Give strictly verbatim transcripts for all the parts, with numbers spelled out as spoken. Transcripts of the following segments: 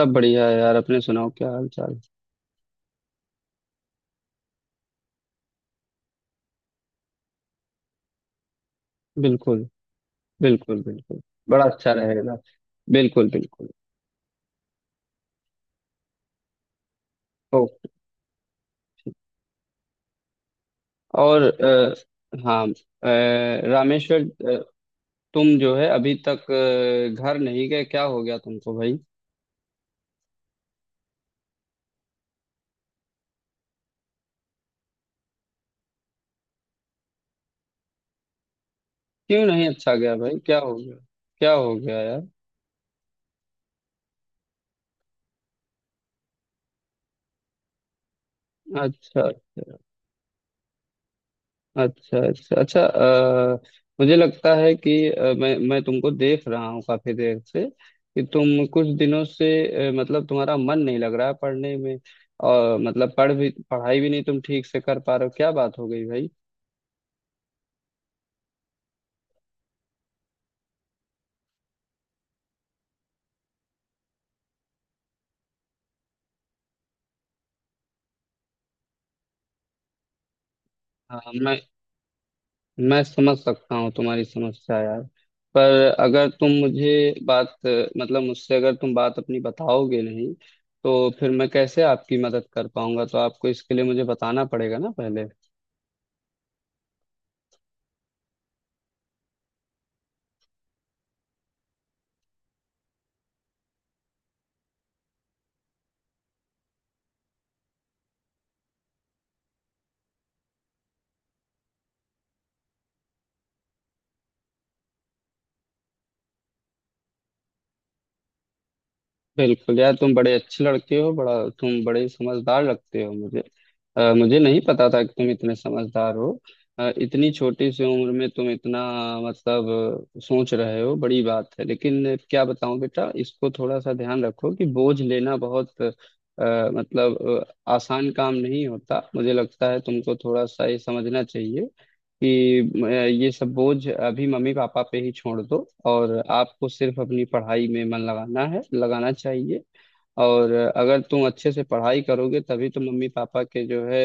सब बढ़िया है यार। अपने सुनाओ क्या हाल चाल। बिल्कुल बिल्कुल बिल्कुल। बड़ा अच्छा रहेगा। बिल्कुल बिल्कुल। ओ। और अ, हाँ अ, रामेश्वर, अ, तुम जो है अभी तक अ, घर नहीं गए, क्या हो गया तुमको भाई। क्यों नहीं अच्छा गया भाई, क्या हो गया? क्या हो गया यार? अच्छा अच्छा अच्छा अच्छा। अ, मुझे लगता है कि अ, मैं मैं तुमको देख रहा हूँ काफी देर से कि तुम कुछ दिनों से अ, मतलब तुम्हारा मन नहीं लग रहा है पढ़ने में। और मतलब पढ़ भी पढ़ाई भी नहीं तुम ठीक से कर पा रहे हो। क्या बात हो गई भाई? हाँ, मैं मैं समझ सकता हूँ तुम्हारी समस्या यार। पर अगर तुम मुझे बात मतलब मुझसे अगर तुम बात अपनी बताओगे नहीं, तो फिर मैं कैसे आपकी मदद कर पाऊंगा? तो आपको इसके लिए मुझे बताना पड़ेगा ना पहले। बिल्कुल यार, तुम बड़े अच्छे लड़के हो। बड़ा तुम बड़े समझदार लगते हो मुझे। अ, मुझे नहीं पता था कि तुम इतने समझदार हो। अ, इतनी छोटी सी उम्र में तुम इतना मतलब सोच रहे हो, बड़ी बात है। लेकिन क्या बताऊं बेटा, इसको थोड़ा सा ध्यान रखो कि बोझ लेना बहुत अ, मतलब अ, आसान काम नहीं होता। मुझे लगता है तुमको थोड़ा सा ये समझना चाहिए कि अ, ये सब बोझ अभी मम्मी पापा पे ही छोड़ दो और आपको सिर्फ अपनी पढ़ाई में मन लगाना है, लगाना चाहिए। और अगर तुम अच्छे से पढ़ाई करोगे तभी तुम मम्मी पापा के जो है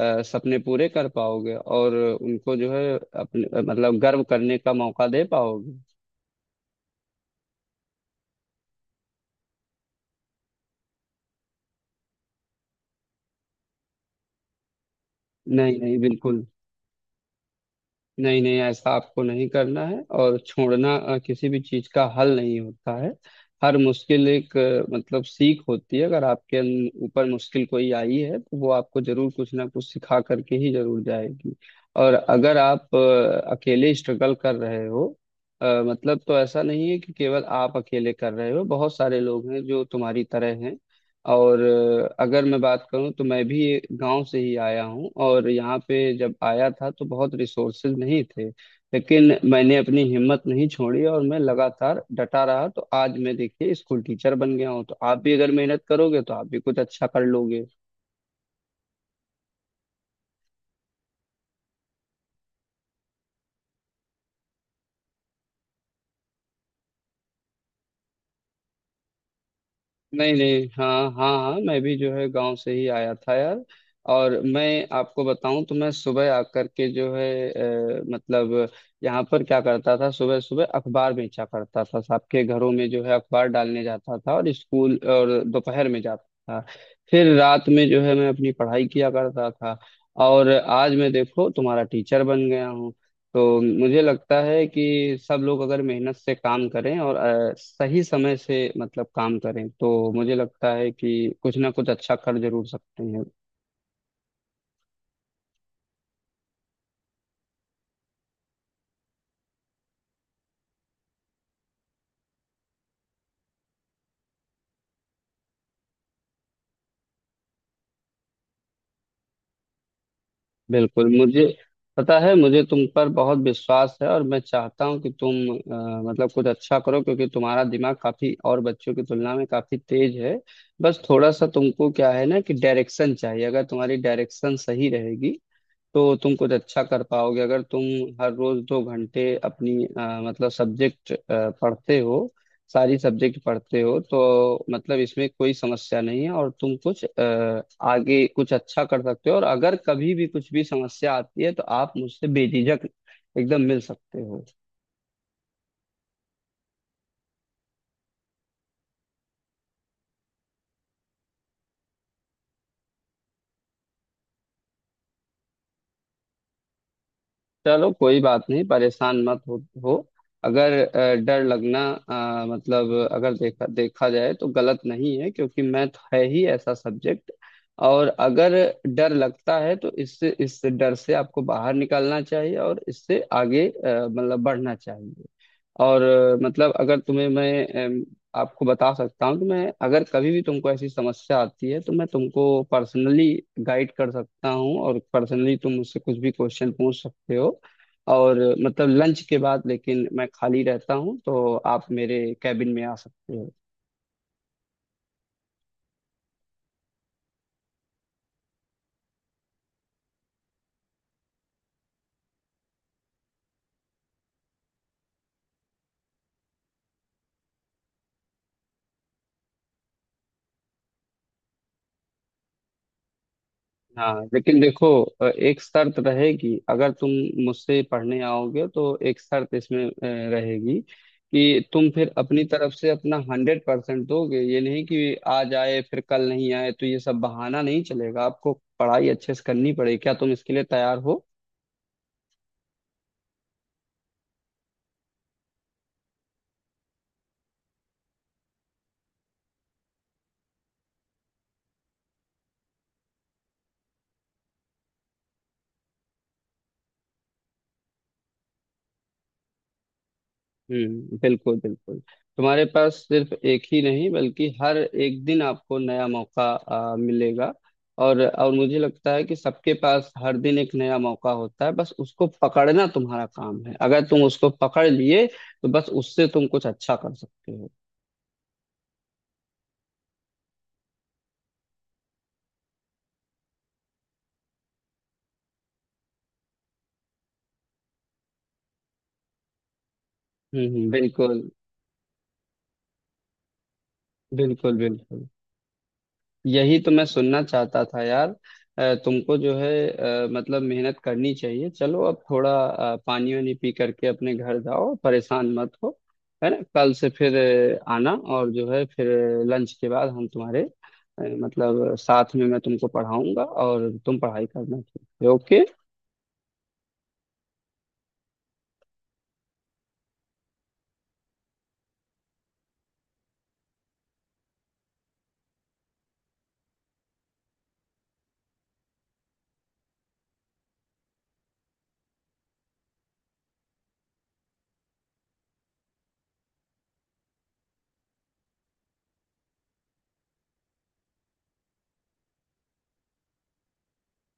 अ, सपने पूरे कर पाओगे और उनको जो है अपने मतलब गर्व करने का मौका दे पाओगे। नहीं नहीं बिल्कुल। नहीं नहीं, ऐसा आपको नहीं करना है। और छोड़ना अ, किसी भी चीज का हल नहीं होता है। हर मुश्किल एक अ, मतलब सीख होती है। अगर आपके अन- ऊपर मुश्किल कोई आई है तो वो आपको जरूर कुछ ना कुछ सिखा करके ही जरूर जाएगी। और अगर आप अ, अकेले स्ट्रगल कर रहे हो, अ, मतलब तो ऐसा नहीं है कि केवल आप अकेले कर रहे हो, बहुत सारे लोग हैं जो तुम्हारी तरह हैं। और अ, अगर मैं बात करूं तो मैं भी गांव से ही आया हूं, और यहाँ पे जब आया था तो बहुत रिसोर्सेज नहीं थे। लेकिन मैंने अपनी हिम्मत नहीं छोड़ी और मैं लगातार डटा रहा, तो आज मैं देखिए स्कूल टीचर बन गया हूं। तो आप भी अगर मेहनत करोगे तो आप भी कुछ अच्छा कर लोगे। नहीं नहीं, हाँ हाँ हाँ, मैं भी जो है गांव से ही आया था यार। और मैं आपको बताऊं तो मैं सुबह आकर के जो है अ, मतलब यहाँ पर क्या करता था, सुबह सुबह अखबार बेचा करता था, सबके घरों में जो है अखबार डालने जाता था, और स्कूल और दोपहर में जाता था, फिर रात में जो है मैं अपनी पढ़ाई किया करता था। और आज मैं देखो तुम्हारा टीचर बन गया हूँ। तो मुझे लगता है कि सब लोग अगर मेहनत से काम करें और अ, सही समय से मतलब काम करें तो मुझे लगता है कि कुछ ना कुछ अच्छा कर जरूर सकते हैं। बिल्कुल, मुझे पता है, मुझे तुम पर बहुत विश्वास है और मैं चाहता हूँ कि तुम अ, मतलब कुछ अच्छा करो क्योंकि तुम्हारा दिमाग काफी और बच्चों की तुलना में काफी तेज है। बस थोड़ा सा तुमको क्या है ना कि डायरेक्शन चाहिए। अगर तुम्हारी डायरेक्शन सही रहेगी तो तुम कुछ अच्छा कर पाओगे। अगर तुम हर रोज दो घंटे अपनी अ, मतलब सब्जेक्ट पढ़ते हो, सारी सब्जेक्ट पढ़ते हो तो मतलब इसमें कोई समस्या नहीं है और तुम कुछ अ, आगे कुछ अच्छा कर सकते हो। और अगर कभी भी कुछ भी समस्या आती है तो आप मुझसे बेझिझक एकदम मिल सकते हो। चलो कोई बात नहीं, परेशान मत हो, हो। अगर अ, डर लगना अ, मतलब अगर देखा देखा जाए तो गलत नहीं है, क्योंकि मैथ है ही ऐसा सब्जेक्ट। और अगर डर लगता है तो इससे इस डर से आपको बाहर निकलना चाहिए और इससे आगे अ, मतलब बढ़ना चाहिए। और अ, मतलब अगर तुम्हें मैं अम, आपको बता सकता हूँ कि मैं अगर कभी भी तुमको ऐसी समस्या आती है तो मैं तुमको पर्सनली गाइड कर सकता हूँ और पर्सनली तुम मुझसे कुछ भी क्वेश्चन पूछ सकते हो। और मतलब लंच के बाद लेकिन मैं खाली रहता हूँ तो आप मेरे कैबिन में आ सकते हो। हाँ लेकिन देखो अ, एक शर्त रहेगी। अगर तुम मुझसे पढ़ने आओगे तो एक शर्त इसमें अ, रहेगी कि तुम फिर अपनी तरफ से अपना हंड्रेड परसेंट दोगे। ये नहीं कि आज आए फिर कल नहीं आए, तो ये सब बहाना नहीं चलेगा। आपको पढ़ाई अच्छे से करनी पड़ेगी। क्या तुम इसके लिए तैयार हो? हम्म, बिल्कुल बिल्कुल। तुम्हारे पास सिर्फ एक ही नहीं बल्कि हर एक दिन आपको नया मौका आ, मिलेगा। और और मुझे लगता है कि सबके पास हर दिन एक नया मौका होता है, बस उसको पकड़ना तुम्हारा काम है। अगर तुम उसको पकड़ लिए तो बस उससे तुम कुछ अच्छा कर सकते हो। हम्म हम्म, बिल्कुल बिल्कुल। बिल्कुल, यही तो मैं सुनना चाहता था यार। अ, तुमको जो है अ, मतलब मेहनत करनी चाहिए। चलो अब थोड़ा अ, पानी वानी पी करके अपने घर जाओ, परेशान मत हो, है ना? कल से फिर अ, आना और जो है फिर लंच के बाद हम तुम्हारे अ, मतलब साथ में मैं तुमको पढ़ाऊंगा और तुम पढ़ाई करना। ठीक है? ओके।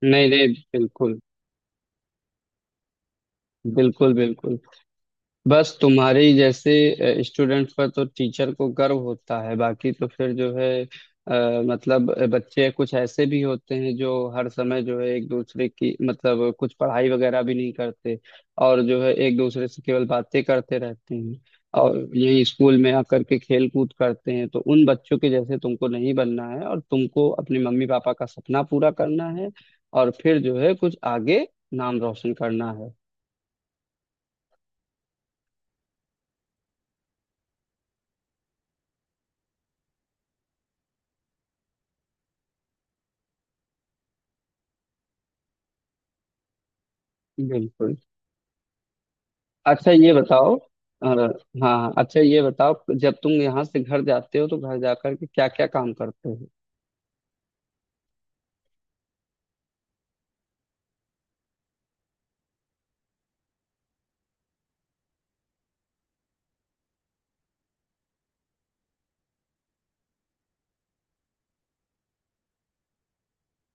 नहीं नहीं बिल्कुल बिल्कुल बिल्कुल। बस तुम्हारे ही जैसे स्टूडेंट पर तो टीचर को गर्व होता है। बाकी तो फिर जो है अ, मतलब बच्चे कुछ ऐसे भी होते हैं जो हर समय जो है एक दूसरे की मतलब कुछ पढ़ाई वगैरह भी नहीं करते, और जो है एक दूसरे से केवल बातें करते रहते हैं, और यही स्कूल में आकर के खेल कूद करते हैं। तो उन बच्चों के जैसे तुमको नहीं बनना है, और तुमको अपने मम्मी पापा का सपना पूरा करना है, और फिर जो है कुछ आगे नाम रोशन करना है। बिल्कुल। अच्छा ये बताओ, अ, हाँ, हाँ, अच्छा ये बताओ, जब तुम यहाँ से घर जाते हो तो घर जाकर के क्या क्या काम करते हो?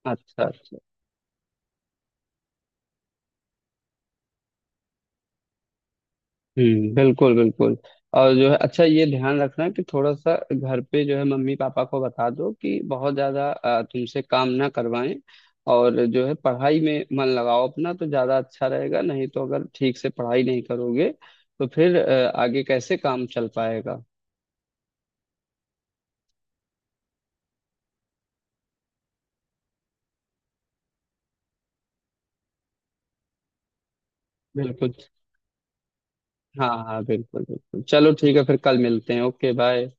अच्छा अच्छा। हम्म, बिल्कुल बिल्कुल। और जो है अच्छा ये ध्यान रखना कि थोड़ा सा घर पे जो है मम्मी पापा को बता दो कि बहुत ज्यादा अ, तुमसे काम ना करवाएं। और जो है पढ़ाई में मन लगाओ अपना तो ज्यादा अच्छा रहेगा। नहीं तो अगर ठीक से पढ़ाई नहीं करोगे तो फिर अ, आगे कैसे काम चल पाएगा? बिल्कुल। हाँ हाँ बिल्कुल बिल्कुल, चलो ठीक है, फिर कल मिलते हैं। Okay bye.